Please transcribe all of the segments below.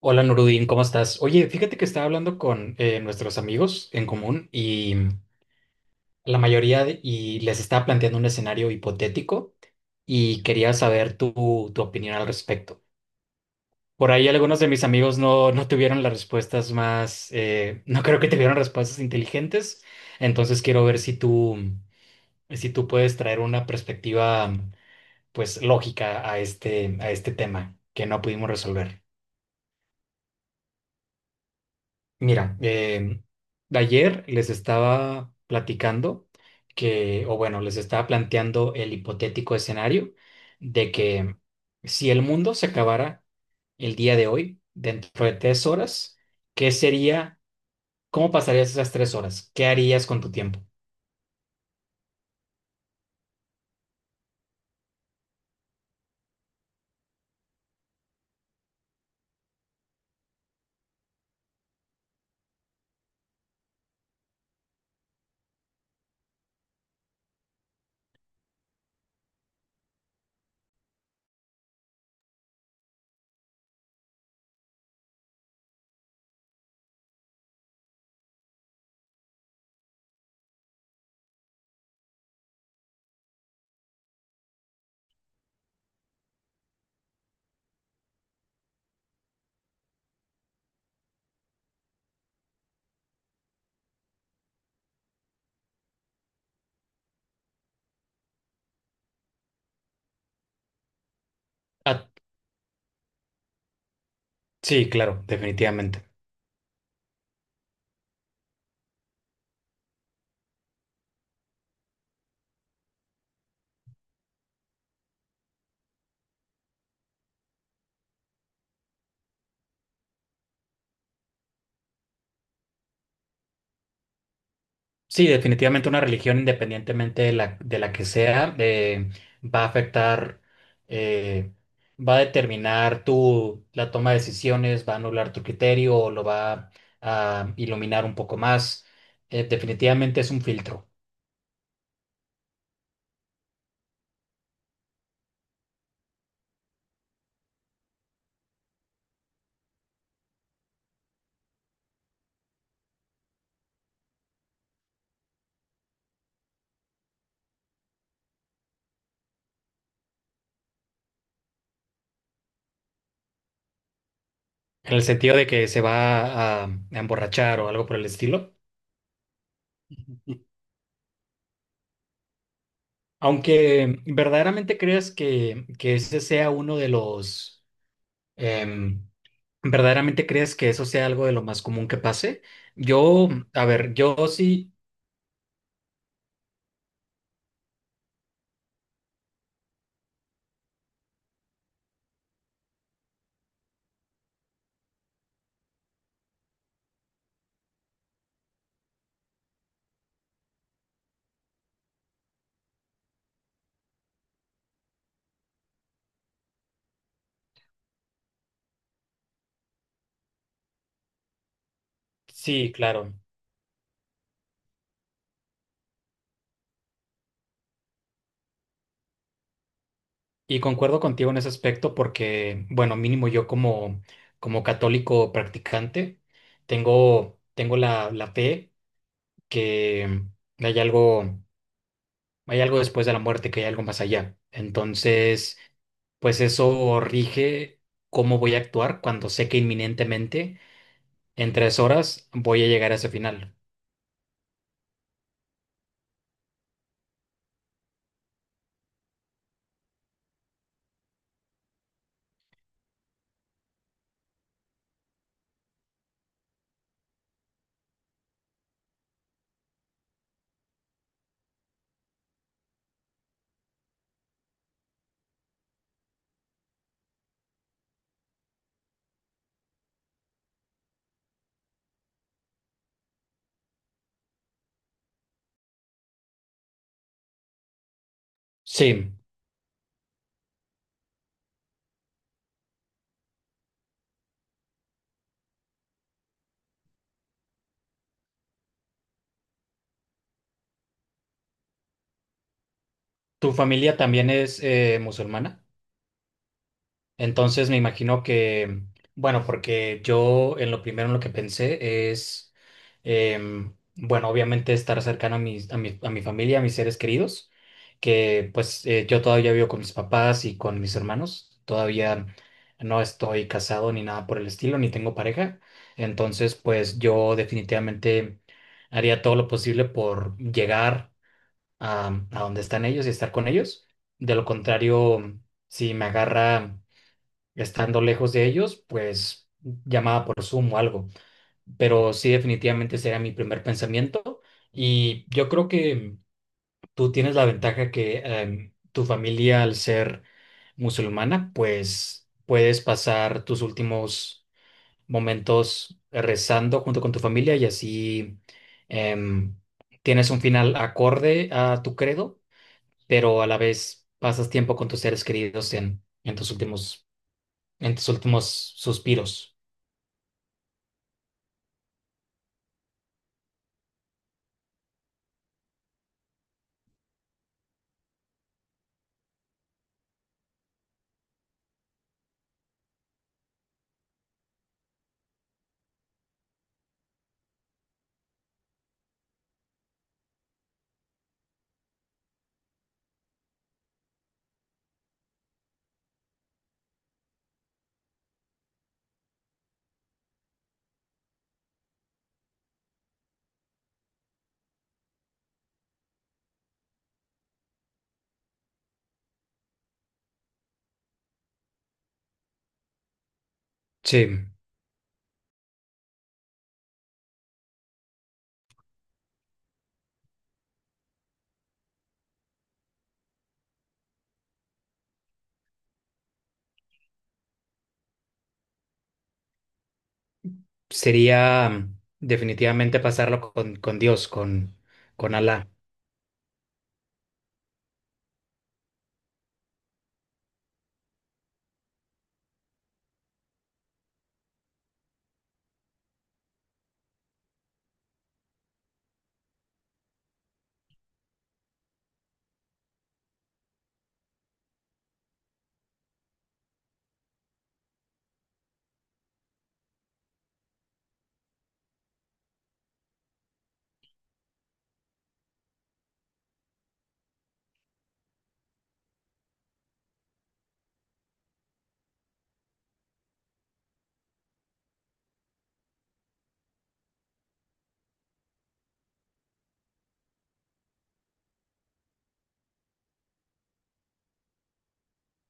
Hola Nurudin, ¿cómo estás? Oye, fíjate que estaba hablando con nuestros amigos en común y la mayoría de- y les estaba planteando un escenario hipotético y quería saber tu opinión al respecto. Por ahí algunos de mis amigos no tuvieron las respuestas más, no creo que tuvieron respuestas inteligentes, entonces quiero ver si tú, si tú puedes traer una perspectiva pues lógica a a este tema que no pudimos resolver. Mira, de ayer les estaba platicando que, o bueno, les estaba planteando el hipotético escenario de que si el mundo se acabara el día de hoy, dentro de tres horas, ¿qué sería? ¿Cómo pasarías esas tres horas? ¿Qué harías con tu tiempo? Ah, sí, claro, definitivamente. Sí, definitivamente una religión, independientemente de de la que sea, va a afectar, eh, va a determinar tu, la toma de decisiones, va a anular tu criterio o lo va a iluminar un poco más. Definitivamente es un filtro, en el sentido de que se va a emborrachar o algo por el estilo. Aunque verdaderamente creas que ese sea uno de los, em, ¿verdaderamente crees que eso sea algo de lo más común que pase? Yo, a ver, yo sí, sí, claro. Y concuerdo contigo en ese aspecto porque, bueno, mínimo yo como, como católico practicante, tengo, tengo la, la fe que hay algo, hay algo después de la muerte, que hay algo más allá. Entonces, pues eso rige cómo voy a actuar cuando sé que inminentemente en tres horas voy a llegar a ese final. Sí. Tu familia también es musulmana, entonces me imagino que, bueno, porque yo en lo primero en lo que pensé es, bueno, obviamente estar cercano a mis- a mi familia, a mis seres queridos, que pues yo todavía vivo con mis papás y con mis hermanos, todavía no estoy casado ni nada por el estilo, ni tengo pareja, entonces pues yo definitivamente haría todo lo posible por llegar a donde están ellos y estar con ellos. De lo contrario, si me agarra estando lejos de ellos, pues llamada por Zoom o algo. Pero sí, definitivamente sería mi primer pensamiento. Y yo creo que tú tienes la ventaja que tu familia, al ser musulmana, pues puedes pasar tus últimos momentos rezando junto con tu familia y así em, tienes un final acorde a tu credo pero a la vez pasas tiempo con tus seres queridos en tus últimos suspiros. Sí, sería definitivamente pasarlo con Dios, con Alá.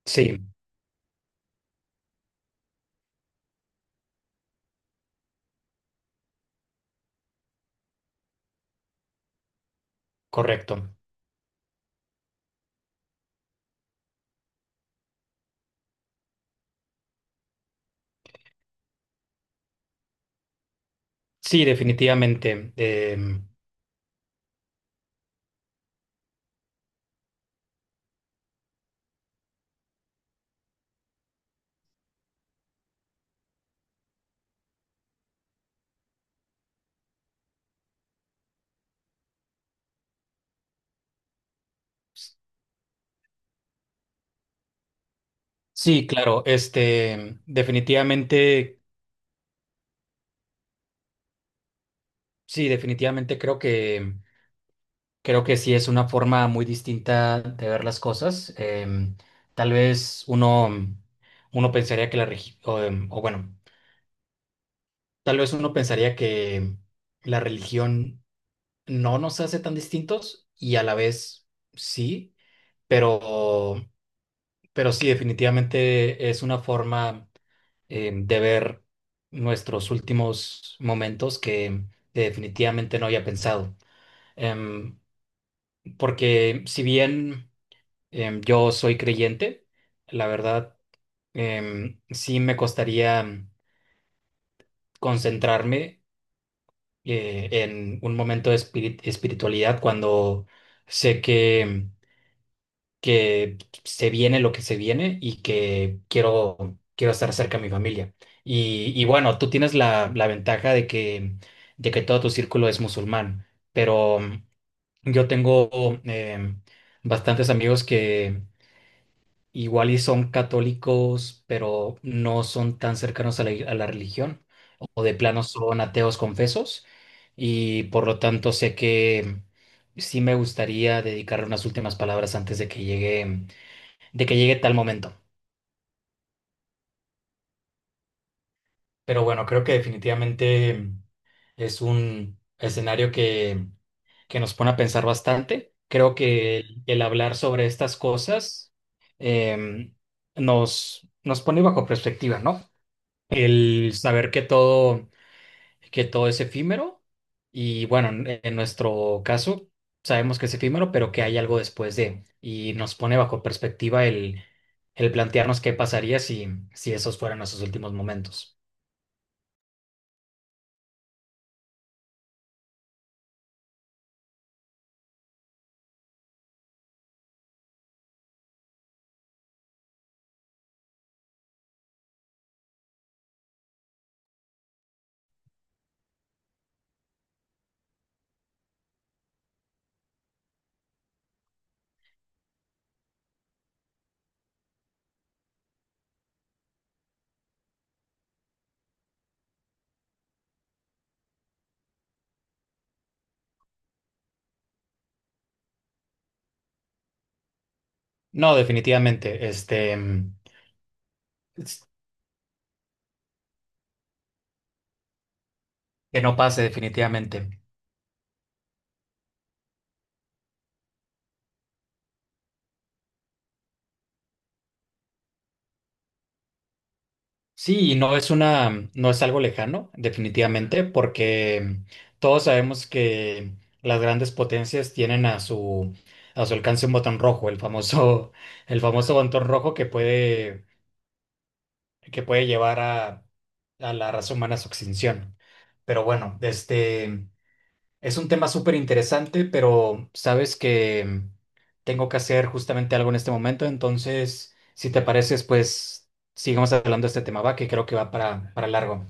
Sí, correcto. Sí, definitivamente. Sí, claro, este, definitivamente, sí, definitivamente creo que, creo que sí es una forma muy distinta de ver las cosas. em, tal vez uno, uno pensaría que la religión, o o bueno, tal vez uno pensaría que la religión no nos hace tan distintos y a la vez sí, pero, pero sí, definitivamente es una forma de ver nuestros últimos momentos que definitivamente no había pensado. Em, porque si bien yo soy creyente, la verdad sí me costaría concentrarme en un momento de espiritualidad cuando sé que se viene lo que se viene y que quiero, quiero estar cerca de mi familia. Y bueno, tú tienes la, la ventaja de que todo tu círculo es musulmán, pero yo tengo em, bastantes amigos igual y son católicos, pero no son tan cercanos a la religión, o de plano son ateos confesos, y por lo tanto sé que sí me gustaría dedicarle unas últimas palabras antes de que llegue tal momento. Pero bueno, creo que definitivamente es un escenario que nos pone a pensar bastante. Creo que el hablar sobre estas cosas em, nos, nos pone bajo perspectiva, ¿no? El saber que todo es efímero y bueno, en nuestro caso sabemos que es efímero, pero que hay algo después de y nos pone bajo perspectiva el plantearnos qué pasaría si, si esos fueran nuestros últimos momentos. No, definitivamente, este, es- que no pase definitivamente. Sí, y no es una, no es algo lejano, definitivamente, porque todos sabemos que las grandes potencias tienen a su alcance un botón rojo, el famoso, el famoso botón rojo que puede llevar a la raza humana a su extinción. Pero bueno, este es un tema súper interesante, pero sabes que tengo que hacer justamente algo en este momento, entonces, si te pareces, pues sigamos hablando de este tema, va, que creo que va para largo.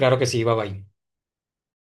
Claro que sí, bye bye.